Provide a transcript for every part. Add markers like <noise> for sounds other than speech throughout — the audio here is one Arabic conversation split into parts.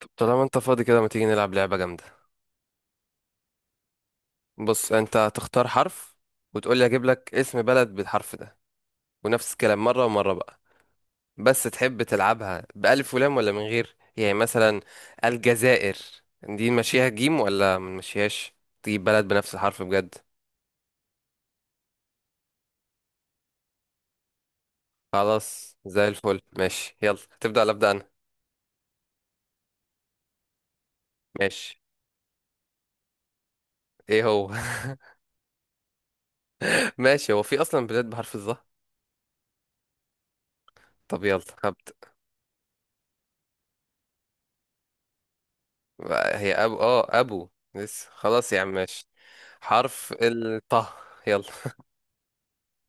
طب طالما انت فاضي كده ما تيجي نلعب لعبة جامدة. بص، انت هتختار حرف وتقول لي اجيب لك اسم بلد بالحرف ده، ونفس الكلام مرة ومرة بقى. بس تحب تلعبها بألف ولام ولا من غير؟ يعني مثلا الجزائر، دي نمشيها جيم ولا ما نمشيهاش؟ تجيب بلد بنفس الحرف بجد. خلاص زي الفل، ماشي. يلا تبدأ ولا أبدأ أنا؟ ماشي. ايه هو؟ <laughs> ماشي، هو في أصلا بلاد بحرف الظهر؟ طب يلا هبدأ. هي ابو ابو، لسه، خلاص يا عم ماشي. حرف الطه. يلا.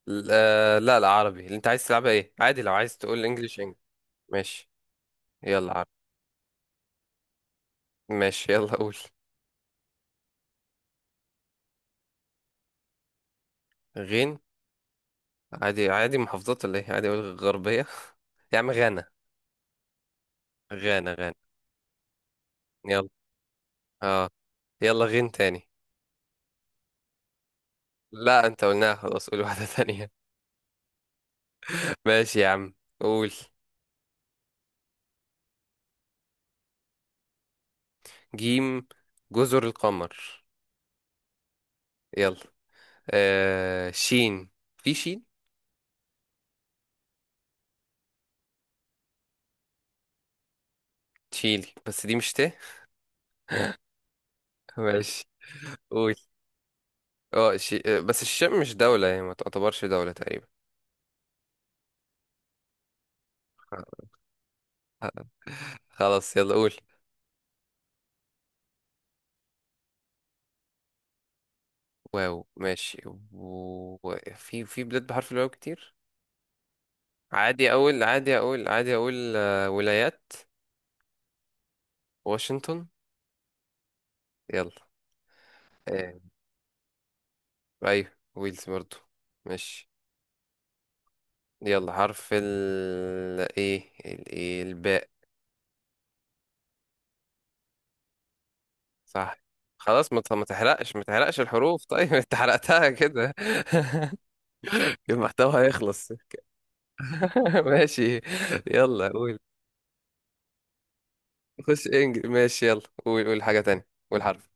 لا لا، عربي. اللي انت عايز تلعبها، ايه؟ عادي، لو عايز تقول انجليش، انجليش. ماشي، يلا عربي. ماشي، يلا قول. غين. عادي، عادي محافظات ولا ايه؟ عادي اقول غربية؟ يا عم غانا. غانا غانا. يلا. اه. يلا غين تاني. لا انت قلناها، خلاص قول واحدة تانية. <laughs> ماشي يا عم. قول. جيم. جزر القمر. يلا. آه، شين. في شين. تشيلي بس دي مش ماشي. قول. اه شي... آه، بس الشام مش دولة، يعني ما تعتبرش دولة تقريبا. خ- خلاص، يلا قول. واو، ماشي. و... في بلاد بحرف الواو كتير. عادي اقول ولايات واشنطن. يلا. آه، ايوه، ويلز برضو. ماشي. يلا حرف ال ايه ال... إيه؟ الباء. صح. خلاص، ما تحرقش ما تحرقش الحروف طيب؟ <laughs> انت حرقتها كده. <laughs> المحتوى هيخلص. <laughs> ماشي، يلا قول. خش انجلش، ماشي. يلا قول، قول حاجة تانية، قول حرف.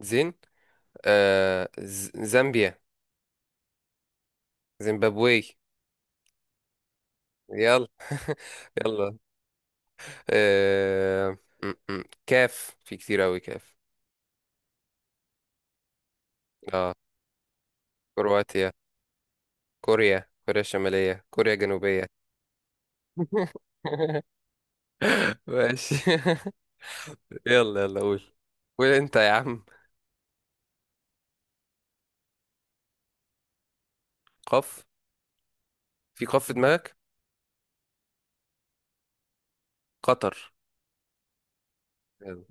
زين. زامبيا. زيمبابوي. يلا <laughs> يلا. آه... م- م. كاف، في كتير أوي كاف. اه كرواتيا. كوريا، كوريا الشمالية، كوريا الجنوبية. <laughs> ماشي <laughs> يلا يلا قول. قول انت يا عم. قف. في قف في دماغك؟ قطر. يلا.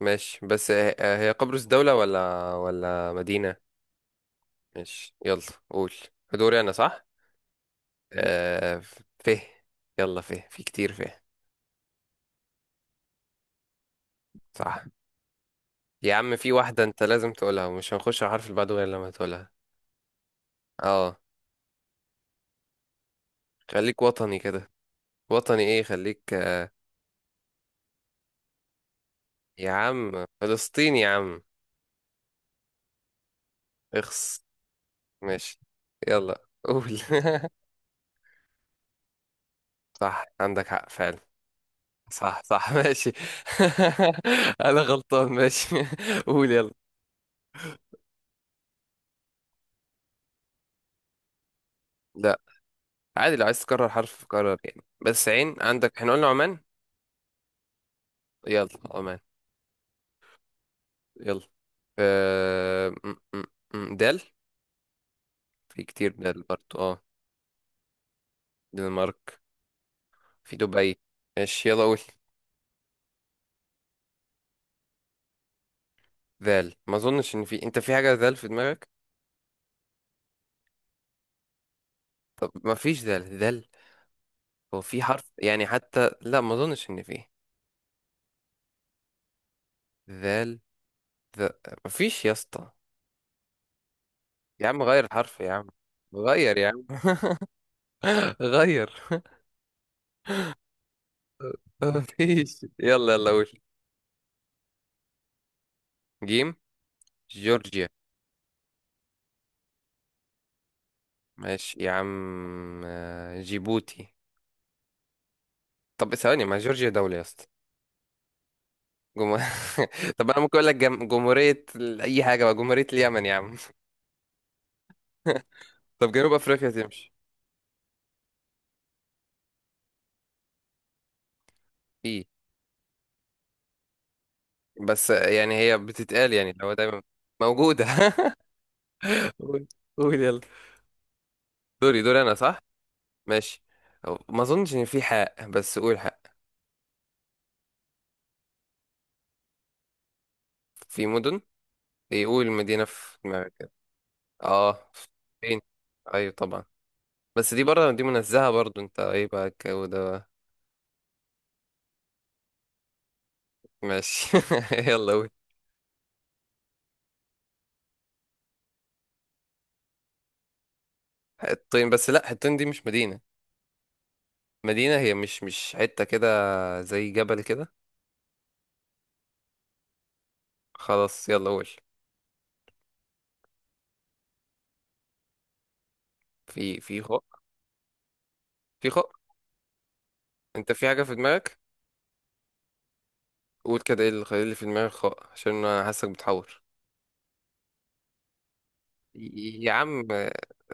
ماشي، بس هي قبرص دولة ولا مدينة؟ ماشي، يلا قول. دوري انا صح. مم. آه فيه. يلا فيه، في كتير فيه. صح. يا عم في واحدة انت لازم تقولها، ومش هنخش على الحرف اللي بعده غير لما تقولها. اه. خليك وطني كده. وطني ايه، خليك. يا عم فلسطين يا عم. اخس. ماشي، يلا قول. <laughs> صح، عندك حق فعلا. صح صح، ماشي. <laughs> انا غلطان، ماشي. <laughs> قول، يلا. لا، عادي لو عايز تكرر حرف كرر، يعني. بس عين عندك احنا قلنا عمان. يلا عمان. يلا. آه... م- م- دال. في كتير دال برضو، اه. دنمارك. في دبي. ماشي، يلا قول. ذال. ما اظنش ان في، انت في حاجة ذال في دماغك؟ طب ما فيش ذال، ذال هو في حرف، يعني، حتى لا ما اظنش ان في. ذال ذ... ما فيش يا اسطى. يا عم غير الحرف يا عم. غير يا عم <laughs> غير، ما فيش. يلا يلا قول. جيم. جورجيا. ماشي يا عم. جيبوتي. طب ثواني، ما جورجيا دولة يا اسطى؟ جمهور... <laughs> طب انا ممكن اقول لك جم... جمهورية ال- اي حاجة بقى، جمهورية اليمن يا عم. <laughs> طب جنوب افريقيا تمشي. في. بس يعني هي بتتقال، يعني لو دايما موجودة. <laughs> قول. قول يلا. دوري دوري انا صح. ماشي. ما اظنش ان في حق، بس قول حق. في مدن. يقول مدينة في دماغك كده. اه. فين؟ ايوه طبعا. بس دي بره، دي منزهة برضو، انت ايه بقى الجو ده بقى؟ ماشي <laughs> يلا قول. حطين، بس لا حطين دي مش مدينة. مدينة؟ هي مش، مش حتة كده، زي جبل كده. خلاص، يلا قول. في خاء. في خاء. انت في حاجة في دماغك؟ قول كده ايه اللي في دماغك خاء، عشان انا حاسك بتحور. يا عم،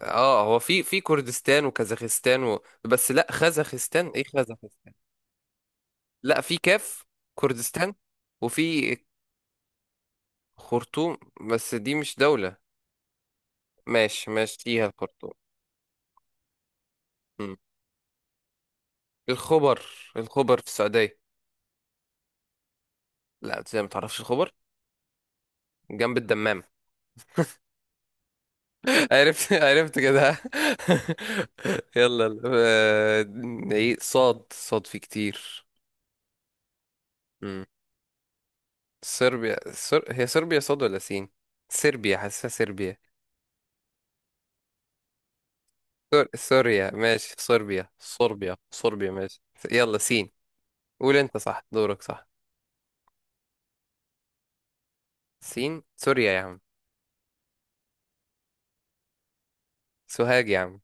اه هو في، في كردستان وكازاخستان بس لا، خزخستان ايه خزخستان؟ لا في كاف. كردستان. وفي خرطوم، بس دي مش دولة. ماشي ماشي، فيها الخرطوم. مم. الخبر. الخبر في السعودية. لا، ازاي ما تعرفش الخبر؟ جنب الدمام. عرفت <laughs> عرفت كده <laughs> يلا يلا. نعيد. صاد. صاد في كتير. مم. صربيا. هي صربيا صاد ولا سين؟ صربيا، حاسسها صربيا. سوريا. ماشي، صربيا صربيا صربيا، ماشي. يلا سين. قول انت، صح دورك، صح. سين، سوريا يا عم. سوهاج يا عم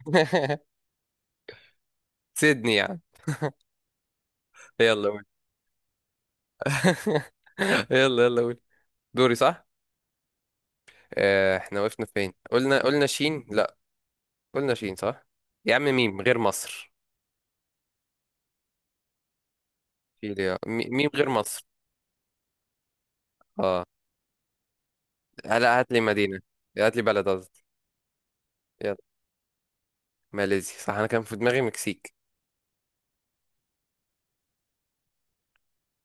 <laughs> سيدني يا عم. يلا قول. <laughs> يلا يلا قول، دوري صح. احنا وقفنا فين، قلنا شين، لا قلنا شين صح؟ يا عم ميم غير مصر. ميم غير مصر. اه. هلا هات لي مدينة. هات لي بلد، قصدي. يلا. ماليزيا، صح. انا كان في دماغي مكسيك.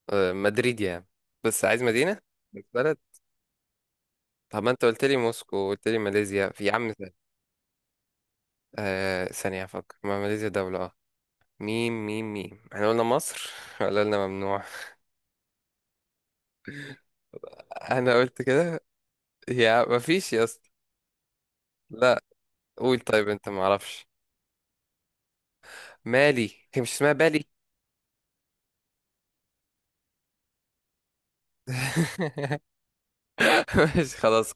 مدريد يا عم. بس عايز مدينة، مش بلد. طب ما انت قلت لي موسكو وقلت لي ماليزيا، في يا عم. ثانية. ثانية افكر، ما ماليزيا دولة، اه. ميم ميم ميم، احنا قلنا مصر <laughs> ولا قلنا ممنوع؟ <laughs> انا قلت كده. يا ما فيش يا اسطى. لا. قول طيب، انت ما اعرفش؟ مالي، هي مش اسمها بالي؟ <laughs> ماشي، خلاص.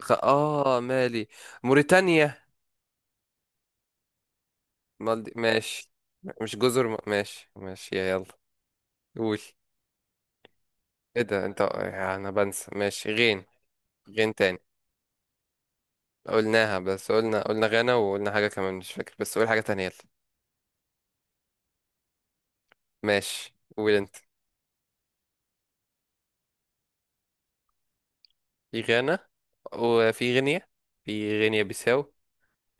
خ... اه مالي، موريتانيا. ماشي، مش جزر. ماشي ماشي يا، يلا قول. ايه ده انت؟ انا بنسى، ماشي غين. غين تاني. قلناها، بس قلنا، قلنا غانا وقلنا حاجة كمان مش فاكر، بس قول حاجة تانية يلا. ماشي، قول انت. في غانا، وفي غينيا، في غينيا بيساو.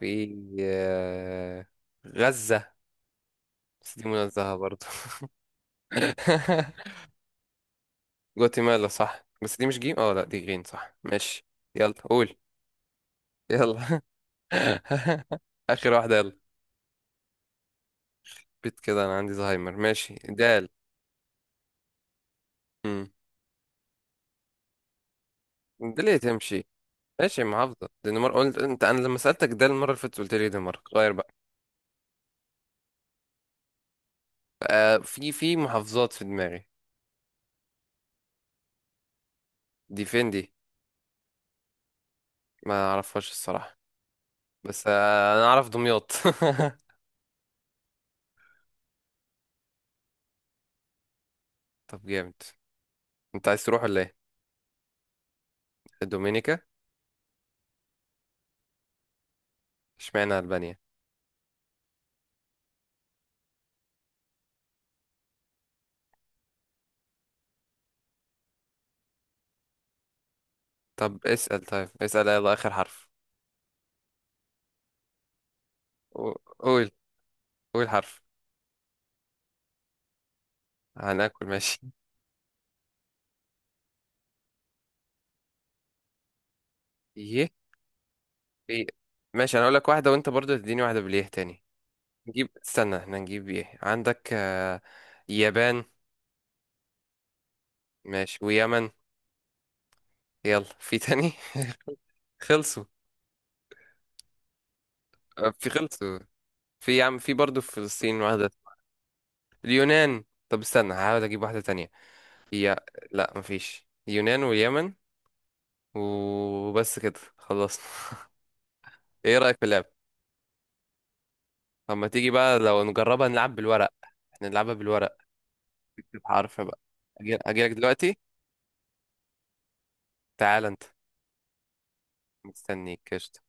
في آه، غزة، بس دي منزهة برضو. <laughs> جواتيمالا، صح. بس دي مش جيم، اه لا دي غين، صح ماشي. يلا قول. يلا <laughs> اخر واحده يلا. بيت كده، انا عندي زهايمر، ماشي دال. امم. دال ايه تمشي؟ ماشي، محافظه دنمارك قلت انت. انا لما سالتك دال المره اللي فاتت قلت لي دنمارك، غير بقى. في، في محافظات في دماغي. دي فين دي؟ ما اعرفهاش الصراحه. بس انا اعرف دمياط. <laughs> طب جامد. انت عايز تروح ولا ايه؟ الدومينيكا؟ اشمعنى البانيا؟ طب اسال، طيب اسال يلا اخر حرف. قول. قول حرف. هناكل. ماشي. ايه. ماشي، انا اقول لك واحده وانت برضو تديني واحده بالايه تاني. نجيب، استنى احنا نجيب ايه عندك؟ يابان. ماشي، ويمن. يلا في تاني <laughs> خلصوا. في، خلصوا. في يا عم، في برضو في فلسطين واحده. اليونان. طب استنى هحاول اجيب واحده تانية. هي، لا مفيش، اليونان واليمن، وبس كده خلصنا. <laughs> ايه رايك في اللعب؟ اما تيجي بقى لو نجربها نلعب بالورق. احنا نلعبها بالورق. اكتب حرف بقى. اجي، اجيلك دلوقتي. تعال انت. مستنيك، قشطة.